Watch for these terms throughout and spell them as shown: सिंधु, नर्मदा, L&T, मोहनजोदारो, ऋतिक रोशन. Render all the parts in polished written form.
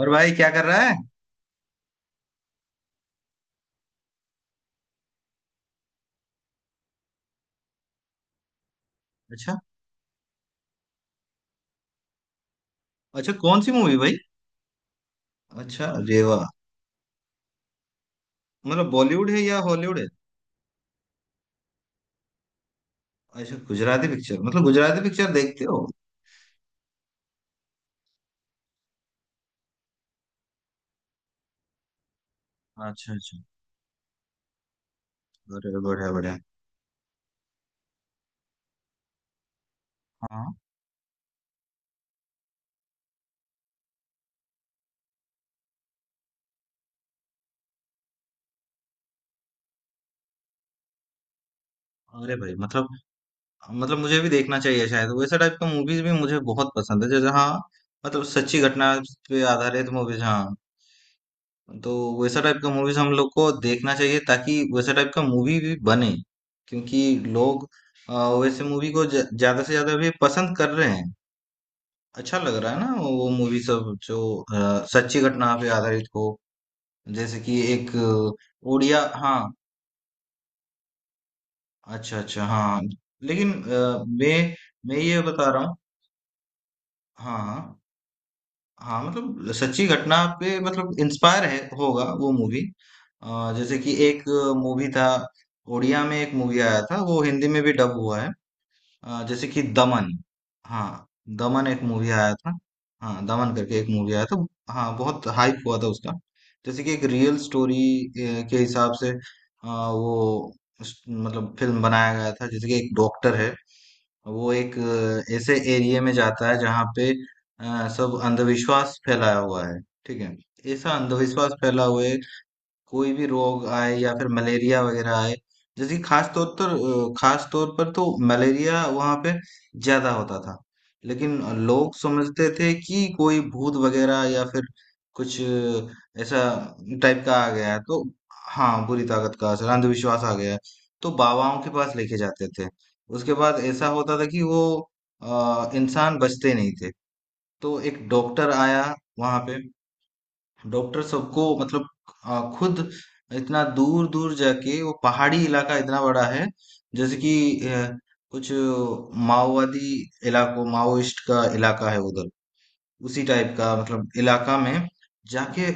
और भाई क्या कर रहा है। अच्छा, अच्छा, कौन सी मूवी भाई। अच्छा, रेवा। मतलब बॉलीवुड है या हॉलीवुड है। अच्छा, गुजराती पिक्चर, मतलब गुजराती पिक्चर देखते हो। अच्छा, अच्छा। अरे, बढ़िया बढ़िया। हाँ। अरे भाई मतलब मुझे भी देखना चाहिए शायद। वैसा टाइप का मूवीज भी मुझे बहुत पसंद है, जैसे। हाँ। मतलब सच्ची घटना पे आधारित मूवीज। हाँ। तो वैसा टाइप का मूवीज हम लोग को देखना चाहिए, ताकि वैसा टाइप का मूवी भी बने, क्योंकि लोग अ, वैसे मूवी को ज्यादा से ज्यादा भी पसंद कर रहे हैं। अच्छा लग रहा है ना वो मूवी सब, जो सच्ची घटना पे आधारित हो। जैसे कि एक उड़िया, हाँ। अच्छा, अच्छा, हाँ। लेकिन मैं ये बता रहा हूँ। हाँ, हाँ, हाँ, मतलब सच्ची घटना पे, मतलब इंस्पायर है होगा वो मूवी। जैसे कि एक मूवी था। उड़िया में एक मूवी आया था, वो हिंदी में भी डब हुआ है। जैसे कि दमन। हाँ। दमन एक मूवी आया था। हाँ, दमन करके एक मूवी आया था। हाँ, बहुत हाइप हुआ था उसका। जैसे कि एक रियल स्टोरी के हिसाब से वो, मतलब फिल्म बनाया गया था। जैसे कि एक डॉक्टर है, वो एक ऐसे एरिया में जाता है जहाँ पे सब अंधविश्वास फैलाया हुआ है। ठीक है। ऐसा अंधविश्वास फैला हुए, कोई भी रोग आए या फिर मलेरिया वगैरह आए। जैसे कि खास तौर पर, खास तौर पर तो मलेरिया वहां पे ज्यादा होता था। लेकिन लोग समझते थे कि कोई भूत वगैरह या फिर कुछ ऐसा टाइप का आ गया है, तो। हाँ, बुरी ताकत का असर, अंधविश्वास आ गया है। तो बाबाओं के पास लेके जाते थे। उसके बाद ऐसा होता था कि वो इंसान बचते नहीं थे। तो एक डॉक्टर आया वहां पे। डॉक्टर सबको मतलब खुद इतना दूर दूर जाके, वो पहाड़ी इलाका इतना बड़ा है। जैसे कि अ, कुछ माओवादी इलाकों, माओइस्ट का इलाका है उधर। उसी टाइप का, मतलब इलाका में जाके,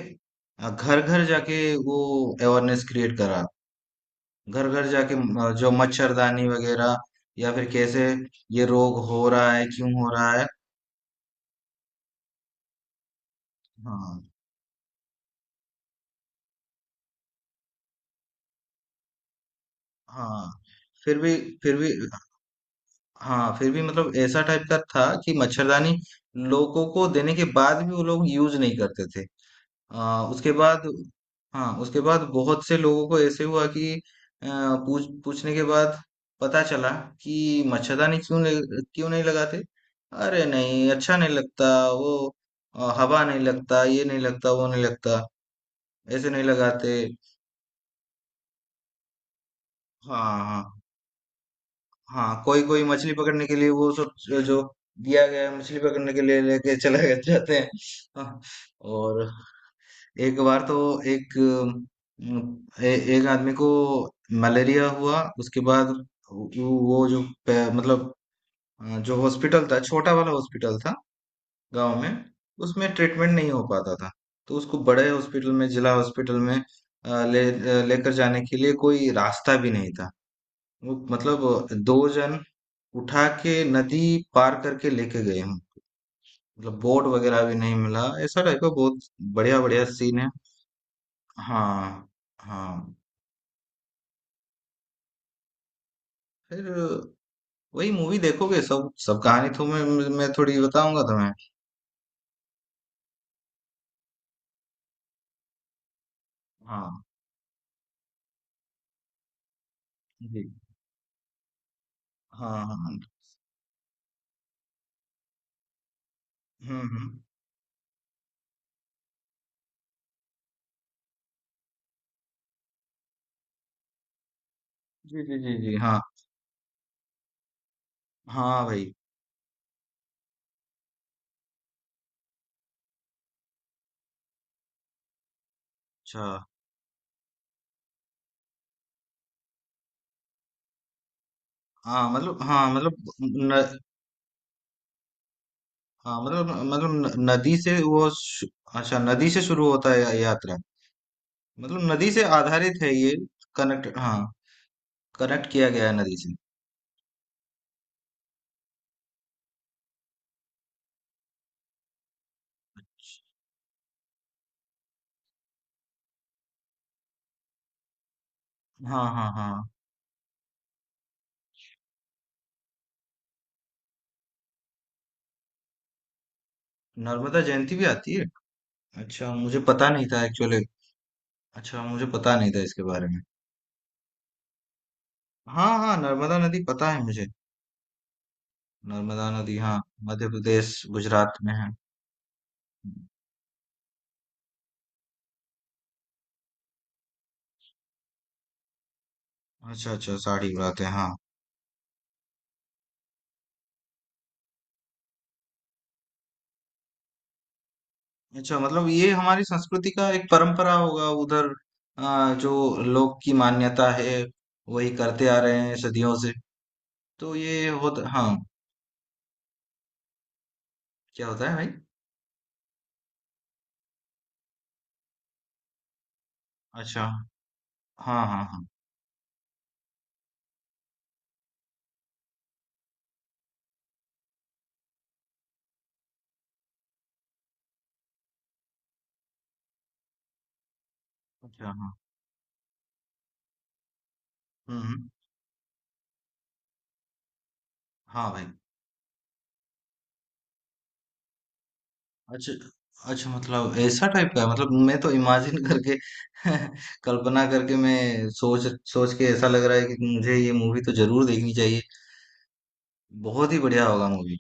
घर घर जाके वो अवेयरनेस क्रिएट करा। घर घर जाके जो मच्छरदानी वगैरह, या फिर कैसे ये रोग हो रहा है, क्यों हो रहा है। हाँ, हाँ। फिर भी, फिर भी, हाँ, फिर भी मतलब ऐसा टाइप का था कि मच्छरदानी लोगों को देने के बाद भी वो लोग यूज नहीं करते थे। उसके बाद। हाँ, उसके बाद बहुत से लोगों को ऐसे हुआ कि पूछने के बाद पता चला कि मच्छरदानी क्यों नहीं, क्यों नहीं लगाते। अरे नहीं, अच्छा नहीं लगता वो, हवा नहीं लगता, ये नहीं लगता, वो नहीं लगता, ऐसे नहीं लगाते। हाँ, हाँ। हाँ, कोई कोई मछली पकड़ने के लिए वो सब जो जो दिया गया है, मछली पकड़ने के लिए लेके जाते हैं। हाँ, और एक बार तो एक आदमी को मलेरिया हुआ। उसके बाद वो वो जो मतलब जो हॉस्पिटल था, छोटा वाला हॉस्पिटल था गांव में, उसमें ट्रीटमेंट नहीं हो पाता था। तो उसको बड़े हॉस्पिटल में, जिला हॉस्पिटल में लेकर जाने के लिए कोई रास्ता भी नहीं था। वो, मतलब दो जन उठा के नदी पार करके लेके गए। हम, मतलब बोट वगैरह भी नहीं मिला, ऐसा टाइप का बहुत। बढ़िया, बढ़िया सीन है। हाँ, हाँ। फिर वही, मूवी देखोगे, सब सब कहानी तो मैं थोड़ी बताऊंगा तुम्हें। हाँ, जी। हाँ, हाँ, हाँ। हम्म, हम्म। जी, जी, जी, जी, हाँ, हाँ, भाई। अच्छा, हाँ मतलब, हाँ मतलब न, हाँ मतलब नदी से वो अच्छा, नदी से शुरू होता है यात्रा। मतलब नदी से आधारित है ये। कनेक्ट, हाँ। कनेक्ट किया गया है नदी से। हाँ, हाँ, हाँ। नर्मदा जयंती भी आती है। अच्छा, मुझे पता नहीं था एक्चुअली। अच्छा, मुझे पता नहीं था इसके बारे में। हाँ, हाँ, नर्मदा नदी पता है मुझे। नर्मदा नदी, हाँ। मध्य प्रदेश, गुजरात में है। अच्छा, अच्छा, साड़ी बात है, हाँ। अच्छा, मतलब ये हमारी संस्कृति का एक परंपरा होगा उधर, जो लोग की मान्यता है। वही करते आ रहे हैं सदियों से। तो ये होता, हाँ। क्या होता है भाई। अच्छा, हाँ, हाँ, हाँ। अच्छा, हाँ। हम्म, हाँ भाई। अच्छा, अच्छा, मतलब ऐसा टाइप का है। मतलब मैं तो इमेजिन करके कल्पना करके, मैं सोच सोच के ऐसा लग रहा है कि मुझे ये मूवी तो जरूर देखनी चाहिए। बहुत ही बढ़िया होगा मूवी।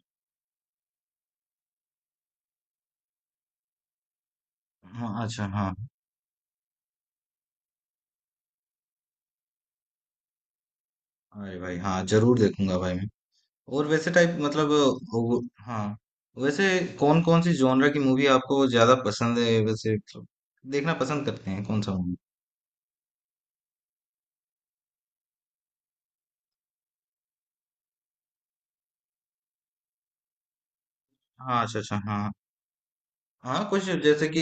हाँ, अच्छा, हाँ। अरे भाई, हाँ जरूर देखूंगा भाई मैं। और वैसे टाइप, मतलब हाँ। वैसे, कौन कौन सी जॉनर की मूवी आपको ज्यादा पसंद है, वैसे मतलब देखना पसंद करते हैं कौन सा मूवी। हाँ, अच्छा, अच्छा, हाँ। हाँ, कुछ जैसे कि।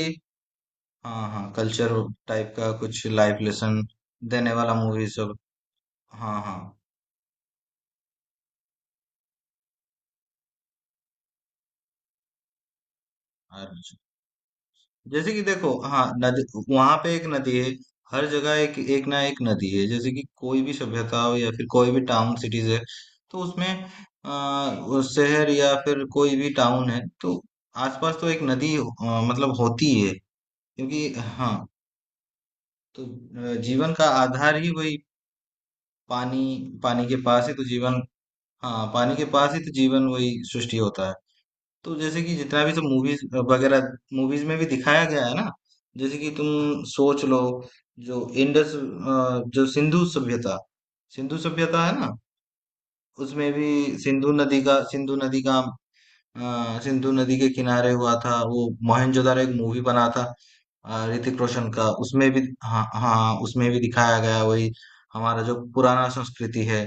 हाँ, हाँ, कल्चर टाइप का कुछ लाइफ लेसन देने वाला मूवी सब। हाँ, हाँ। अच्छा, जैसे कि देखो, हाँ, नदी। वहां पे एक नदी है। हर जगह एक एक, ना एक नदी है, जैसे कि कोई भी सभ्यता हो या फिर कोई भी टाउन सिटीज है। तो उसमें वो शहर या फिर कोई भी टाउन है, तो आसपास तो एक नदी मतलब होती है, क्योंकि, हाँ। तो जीवन का आधार ही वही, पानी। पानी के पास ही तो जीवन। हाँ, पानी के पास ही तो जीवन, वही सृष्टि होता है। तो जैसे कि जितना भी सब मूवीज वगैरह, मूवीज में भी दिखाया गया है ना। जैसे कि तुम सोच लो, जो सिंधु सभ्यता, सिंधु सभ्यता है ना, उसमें भी सिंधु नदी का सिंधु नदी के किनारे हुआ था वो मोहनजोदारो, एक मूवी बना था। ऋतिक रोशन का। उसमें भी, हाँ, हाँ, हाँ, उसमें भी दिखाया गया वही, हमारा जो पुराना संस्कृति है।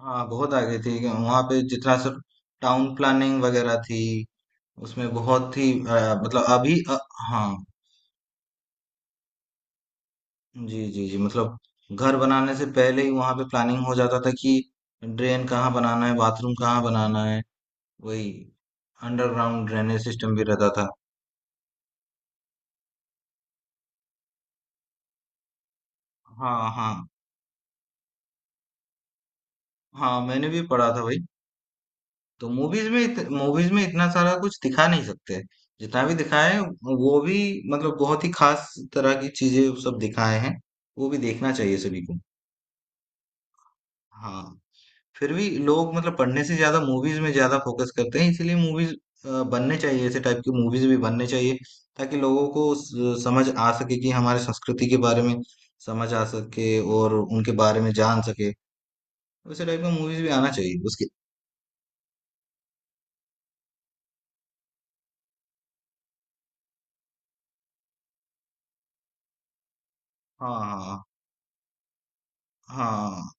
हाँ, बहुत आगे थी वहां पे। जितना सब टाउन प्लानिंग वगैरह थी, उसमें बहुत ही मतलब, अभी हाँ। जी, जी, जी, मतलब घर बनाने से पहले ही वहां पे प्लानिंग हो जाता था कि ड्रेन कहाँ बनाना है, बाथरूम कहाँ बनाना है। वही अंडरग्राउंड ड्रेनेज सिस्टम भी रहता था। हाँ, हाँ, हाँ, मैंने भी पढ़ा था भाई। तो मूवीज में इतना सारा कुछ दिखा नहीं सकते। जितना भी दिखाए वो भी मतलब बहुत ही खास तरह की चीजें सब दिखाए हैं। वो भी देखना चाहिए सभी को। हाँ, फिर भी लोग मतलब पढ़ने से ज्यादा मूवीज में ज्यादा फोकस करते हैं, इसलिए मूवीज बनने चाहिए, ऐसे टाइप की मूवीज भी बनने चाहिए, ताकि लोगों को समझ आ सके कि हमारे संस्कृति के बारे में समझ आ सके और उनके बारे में जान सके। वैसे टाइप का मूवीज भी आना चाहिए उसके। हाँ, हाँ, हाँ, हाँ,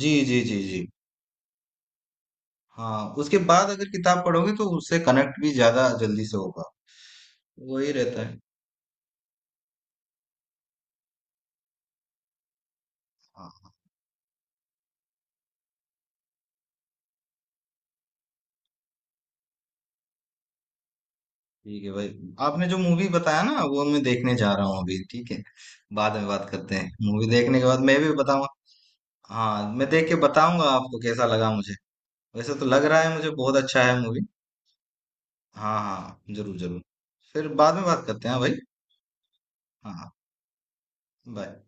जी, जी, जी, जी। हाँ, उसके बाद अगर किताब पढ़ोगे तो उससे कनेक्ट भी ज्यादा जल्दी से होगा। वही रहता है, हाँ। ठीक है भाई। आपने जो मूवी बताया ना, वो मैं देखने जा रहा हूँ अभी। ठीक है, बाद में बात करते हैं, मूवी देखने के बाद मैं भी बताऊंगा। हाँ, मैं देख के बताऊंगा आपको कैसा लगा मुझे। वैसे तो लग रहा है मुझे बहुत अच्छा है मूवी। हाँ, हाँ, जरूर जरूर। फिर बाद में बात करते हैं भाई। हाँ, हाँ, बाय।